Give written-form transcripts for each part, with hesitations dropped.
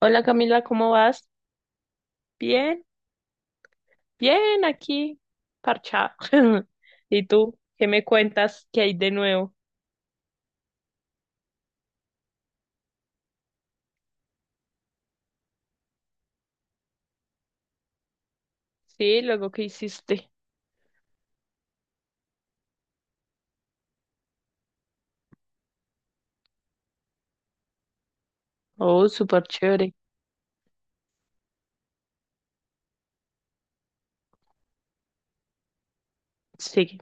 Hola Camila, ¿cómo vas? Bien, bien, aquí, parchado. ¿Y tú? ¿Qué me cuentas que hay de nuevo? Sí, luego qué hiciste. Oh, súper chévere. Sí,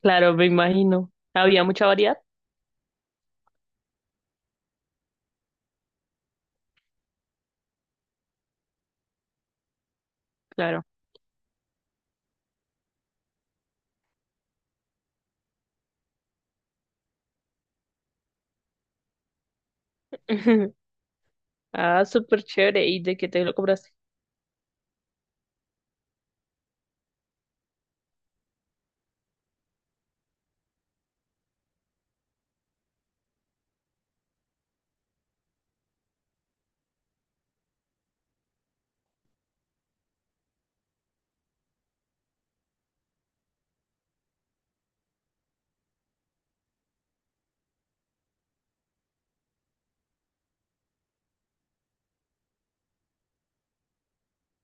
claro, me imagino. ¿Había mucha variedad? Claro. Ah, súper chévere. ¿Y de qué te lo compraste?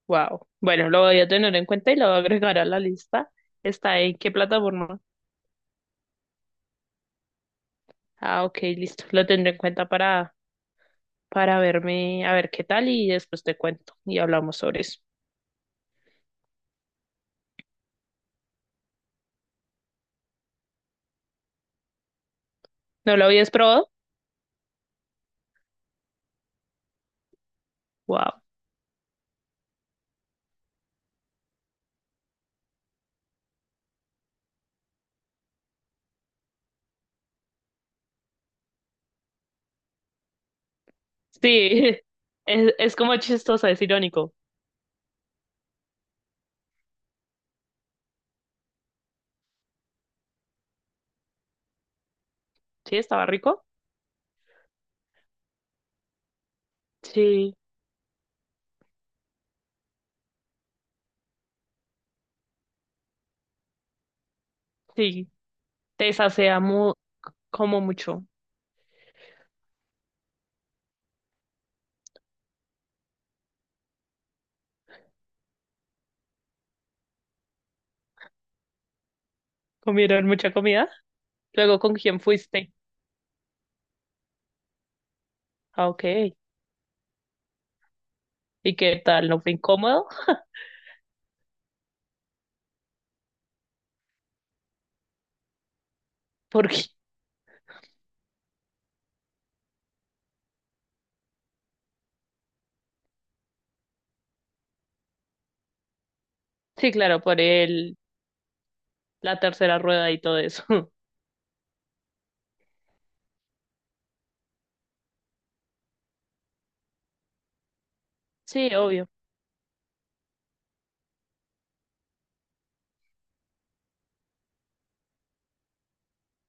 Wow. Bueno, lo voy a tener en cuenta y lo voy a agregar a la lista. ¿Está en qué plataforma? Ah, ok, listo. Lo tendré en cuenta para verme, a ver qué tal y después te cuento y hablamos sobre eso. ¿No lo habías probado? Wow. Sí, es como chistoso, es irónico. Sí, estaba rico. Sí, sí. Te sacia mu- como mucho. ¿Comieron mucha comida? Luego, ¿con quién fuiste? Ah, ok. ¿Y qué tal? ¿No fue incómodo? Porque, sí, claro, por el, la tercera rueda y todo eso. Sí, obvio.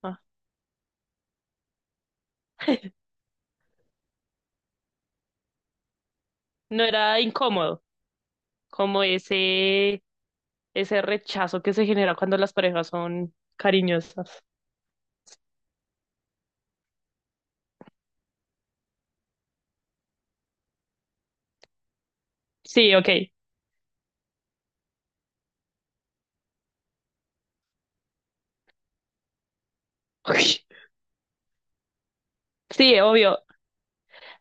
Ah. No era incómodo, como ese rechazo que se genera cuando las parejas son cariñosas. Sí, ok. Sí, obvio.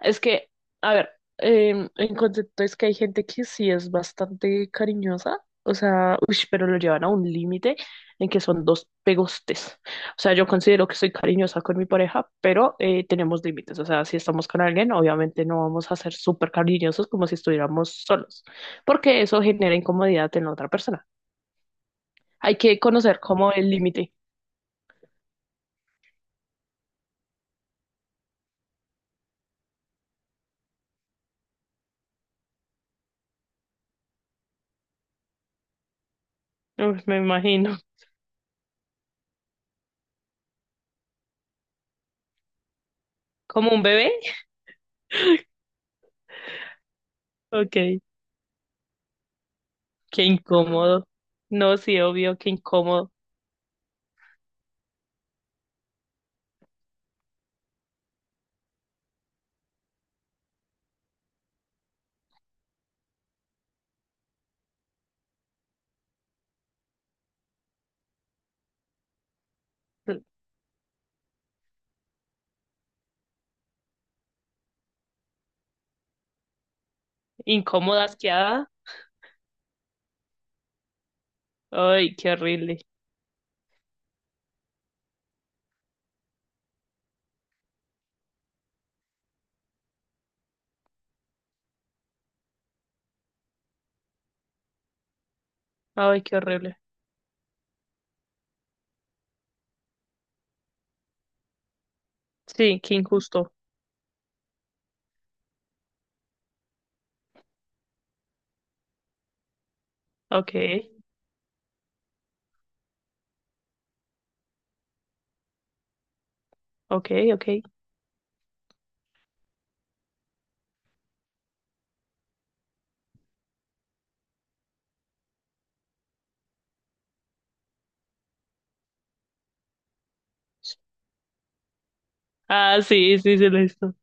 Es que, a ver, en concepto es que hay gente que sí es bastante cariñosa, o sea, uy, pero lo llevan a un límite en que son dos pegostes. O sea, yo considero que soy cariñosa con mi pareja, pero tenemos límites. O sea, si estamos con alguien, obviamente no vamos a ser súper cariñosos como si estuviéramos solos, porque eso genera incomodidad en la otra persona. Hay que conocer como el límite. Uf, me imagino. ¿Como un bebé? Ok, qué incómodo. No, sí, obvio, qué incómodo. Incómoda, asqueada. Ay, qué horrible. Ay, qué horrible. Sí, qué injusto. Ok, ok, ok. Ah, sí, sí, sí, lo he visto.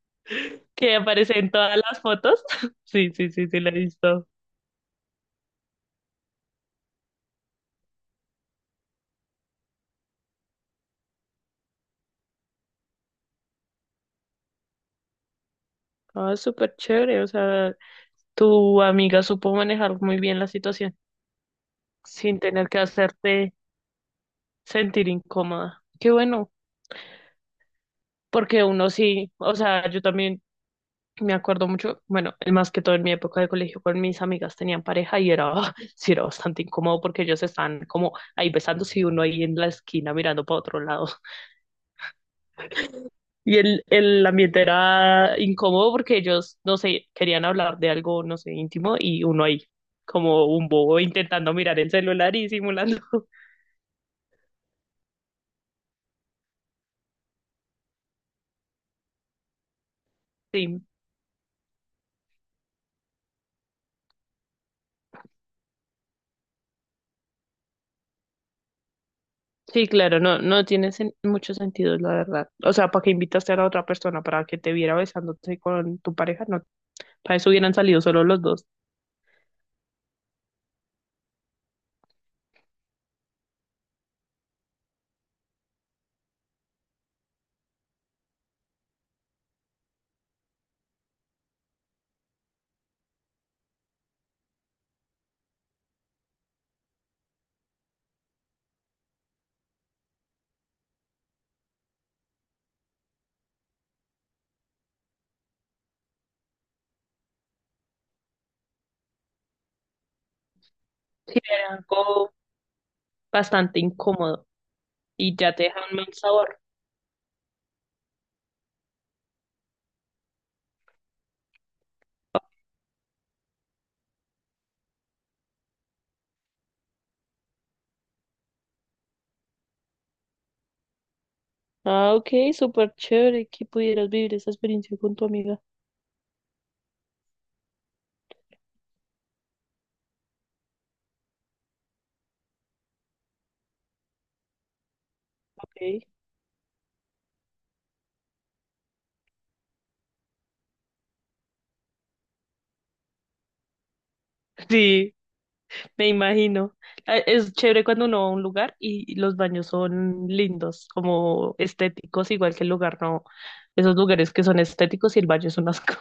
Que aparece en todas las fotos. Sí, sí, sí, sí, lo he visto. Ah, súper chévere. O sea, tu amiga supo manejar muy bien la situación sin tener que hacerte sentir incómoda. Qué bueno, porque uno sí, o sea, yo también. Me acuerdo mucho, bueno, más que todo en mi época de colegio con mis amigas tenían pareja y era, sí, era bastante incómodo porque ellos están como ahí besándose y uno ahí en la esquina mirando para otro lado. Y el ambiente era incómodo porque ellos, no sé, querían hablar de algo, no sé, íntimo y uno ahí como un bobo intentando mirar el celular y simulando. Sí, sí, claro, no, no tiene sen- mucho sentido, la verdad. O sea, ¿para qué invitaste a la otra persona para que te viera besándote con tu pareja? No, para eso hubieran salido solo los dos. Sí, era algo bastante incómodo y ya te deja un mal sabor. Ah, ok, súper chévere que pudieras vivir esa experiencia con tu amiga. Okay. Sí, me imagino. Ah, es chévere cuando uno va a un lugar y los baños son lindos, como estéticos, igual que el lugar, no. Esos lugares que son estéticos y el baño es un asco.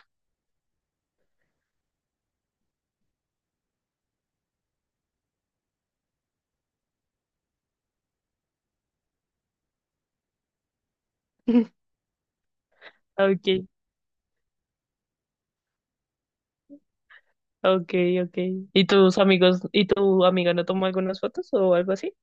Okay, okay, okay. ¿Y tus amigos y tu amiga no tomó algunas fotos o algo así?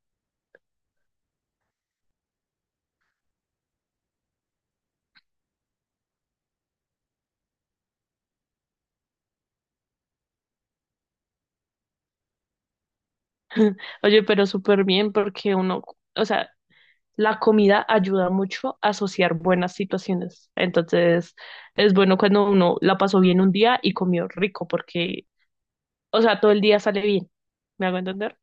Oye, pero súper bien porque uno, o sea, la comida ayuda mucho a asociar buenas situaciones. Entonces, es bueno cuando uno la pasó bien un día y comió rico, porque, o sea, todo el día sale bien. ¿Me hago entender?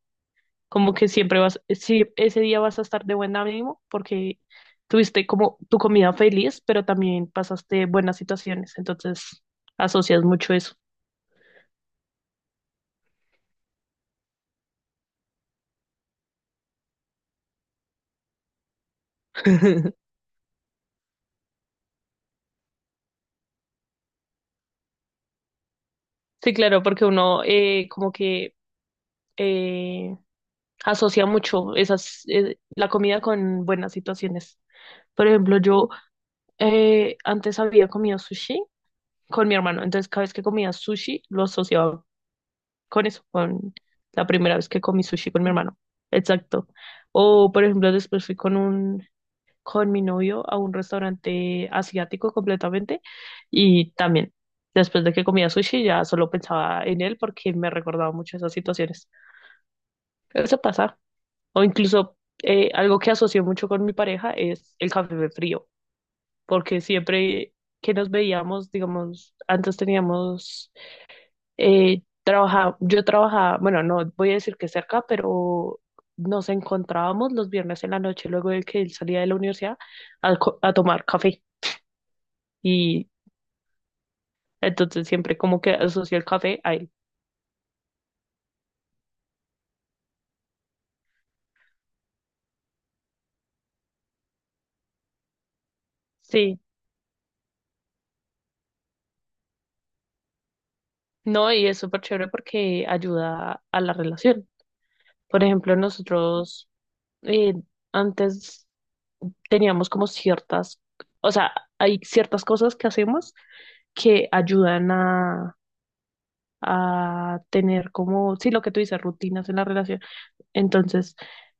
Como que siempre vas, si ese día vas a estar de buen ánimo porque tuviste como tu comida feliz, pero también pasaste buenas situaciones. Entonces, asocias mucho eso. Sí, claro, porque uno como que eh, asocia mucho esas, la comida con buenas situaciones. Por ejemplo, yo antes había comido sushi con mi hermano, entonces cada vez que comía sushi lo asociaba con eso, con la primera vez que comí sushi con mi hermano. Exacto. O por ejemplo, después fui con un con mi novio a un restaurante asiático completamente y también después de que comía sushi ya solo pensaba en él porque me recordaba mucho esas situaciones. Eso pasa. O incluso algo que asocio mucho con mi pareja es el café frío. Porque siempre que nos veíamos, digamos, antes teníamos, trabaja- yo trabajaba, bueno, no voy a decir que cerca, pero nos encontrábamos los viernes en la noche luego de que él salía de la universidad a, co- a tomar café y entonces siempre como que asocio el café a él. Sí, no, y es súper chévere porque ayuda a la relación. Por ejemplo, nosotros eh, antes teníamos como ciertas, o sea, hay ciertas cosas que hacemos que ayudan a tener como, sí, lo que tú dices, rutinas en la relación. Entonces,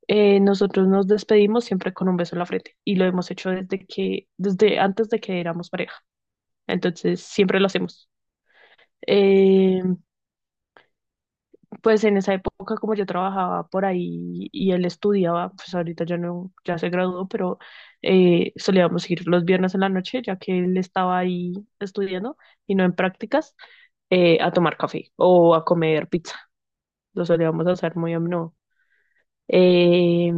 nosotros nos despedimos siempre con un beso en la frente y lo hemos hecho desde que, desde antes de que éramos pareja. Entonces, siempre lo hacemos. Eh, pues en esa época, como yo trabajaba por ahí y él estudiaba, pues ahorita ya no, ya se graduó, pero solíamos ir los viernes en la noche, ya que él estaba ahí estudiando y no en prácticas. Eh, a tomar café o a comer pizza. Lo solíamos hacer muy a menudo. Eh,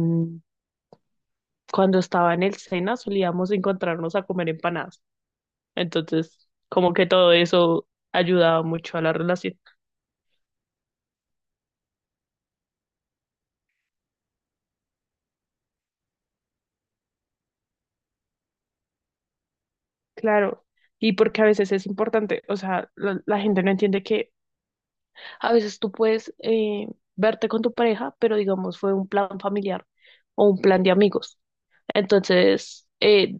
cuando estaba en el Sena solíamos encontrarnos a comer empanadas. Entonces, como que todo eso ayudaba mucho a la relación. Claro, y porque a veces es importante, o sea, la gente no entiende que a veces tú puedes verte con tu pareja, pero digamos fue un plan familiar o un plan de amigos. Entonces,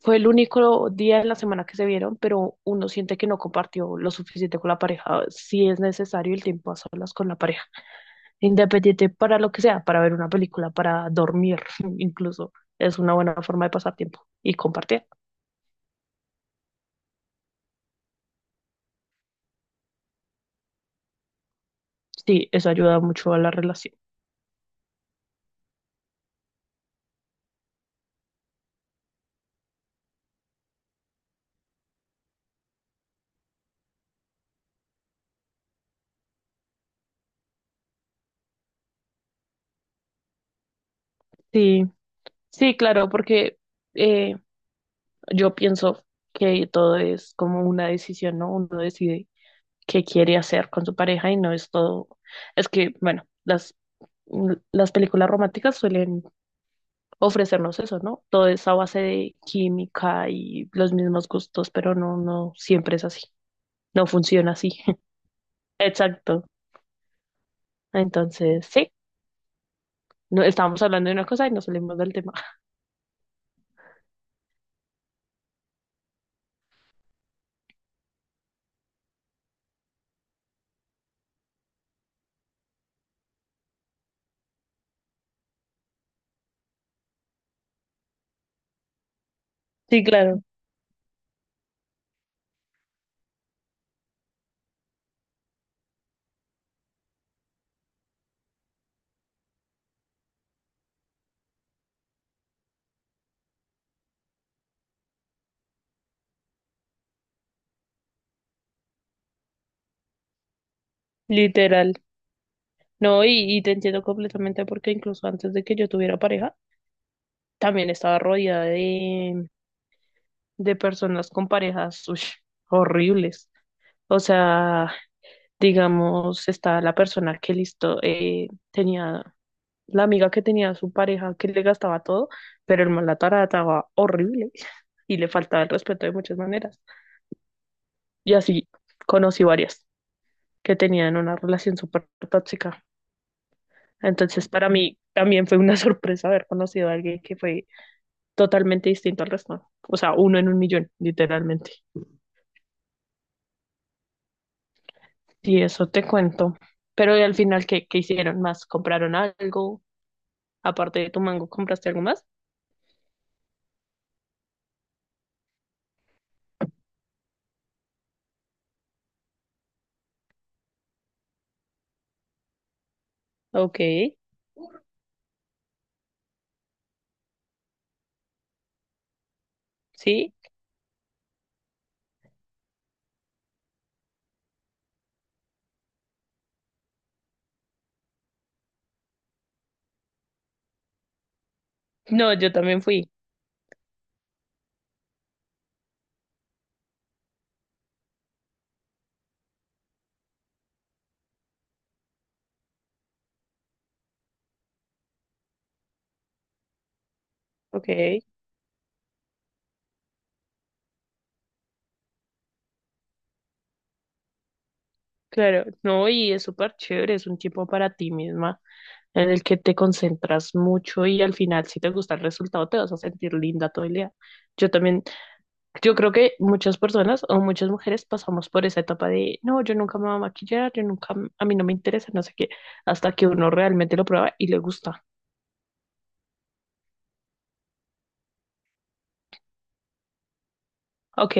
fue el único día en la semana que se vieron, pero uno siente que no compartió lo suficiente con la pareja, si es necesario el tiempo a solas con la pareja, independiente para lo que sea, para ver una película, para dormir, incluso es una buena forma de pasar tiempo y compartir. Sí, eso ayuda mucho a la relación. Sí, sí, claro, porque eh, yo pienso que todo es como una decisión, ¿no? Uno decide qué quiere hacer con su pareja y no es todo, es que, bueno, las l- las películas románticas suelen ofrecernos eso, ¿no? Todo es a base de química y los mismos gustos, pero no, no siempre es así. No funciona así. Exacto. Entonces, sí, no, estábamos hablando de una cosa y nos salimos del tema. Sí, claro, literal. No, y te entiendo completamente porque incluso antes de que yo tuviera pareja, también estaba rodeada de personas con parejas, ush, horribles. O sea, digamos, está la persona que listo, tenía la amiga que tenía su pareja que le gastaba todo, pero el man la trataba horrible y le faltaba el respeto de muchas maneras. Y así conocí varias que tenían una relación súper tóxica. Entonces, para mí también fue una sorpresa haber conocido a alguien que fue totalmente distinto al resto. O sea, uno en un millón, literalmente. Y eso te cuento. Pero ¿y al final, ¿qué, qué hicieron más? ¿Compraron algo? Aparte de tu mango, ¿compraste algo más? Ok, sí. No, yo también fui. Ok, claro. No, y es súper chévere, es un tiempo para ti misma en el que te concentras mucho y al final si te gusta el resultado te vas a sentir linda todo el día. Yo también, yo creo que muchas personas o muchas mujeres pasamos por esa etapa de, no, yo nunca me voy a maquillar, yo nunca, m- a mí no me interesa, no sé qué, hasta que uno realmente lo prueba y le gusta. Ok,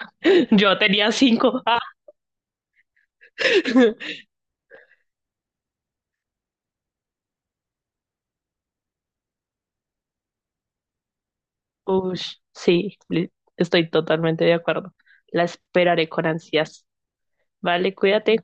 yo tenía 5. Ah. Ush, sí, li- estoy totalmente de acuerdo. La esperaré con ansias. Vale, cuídate.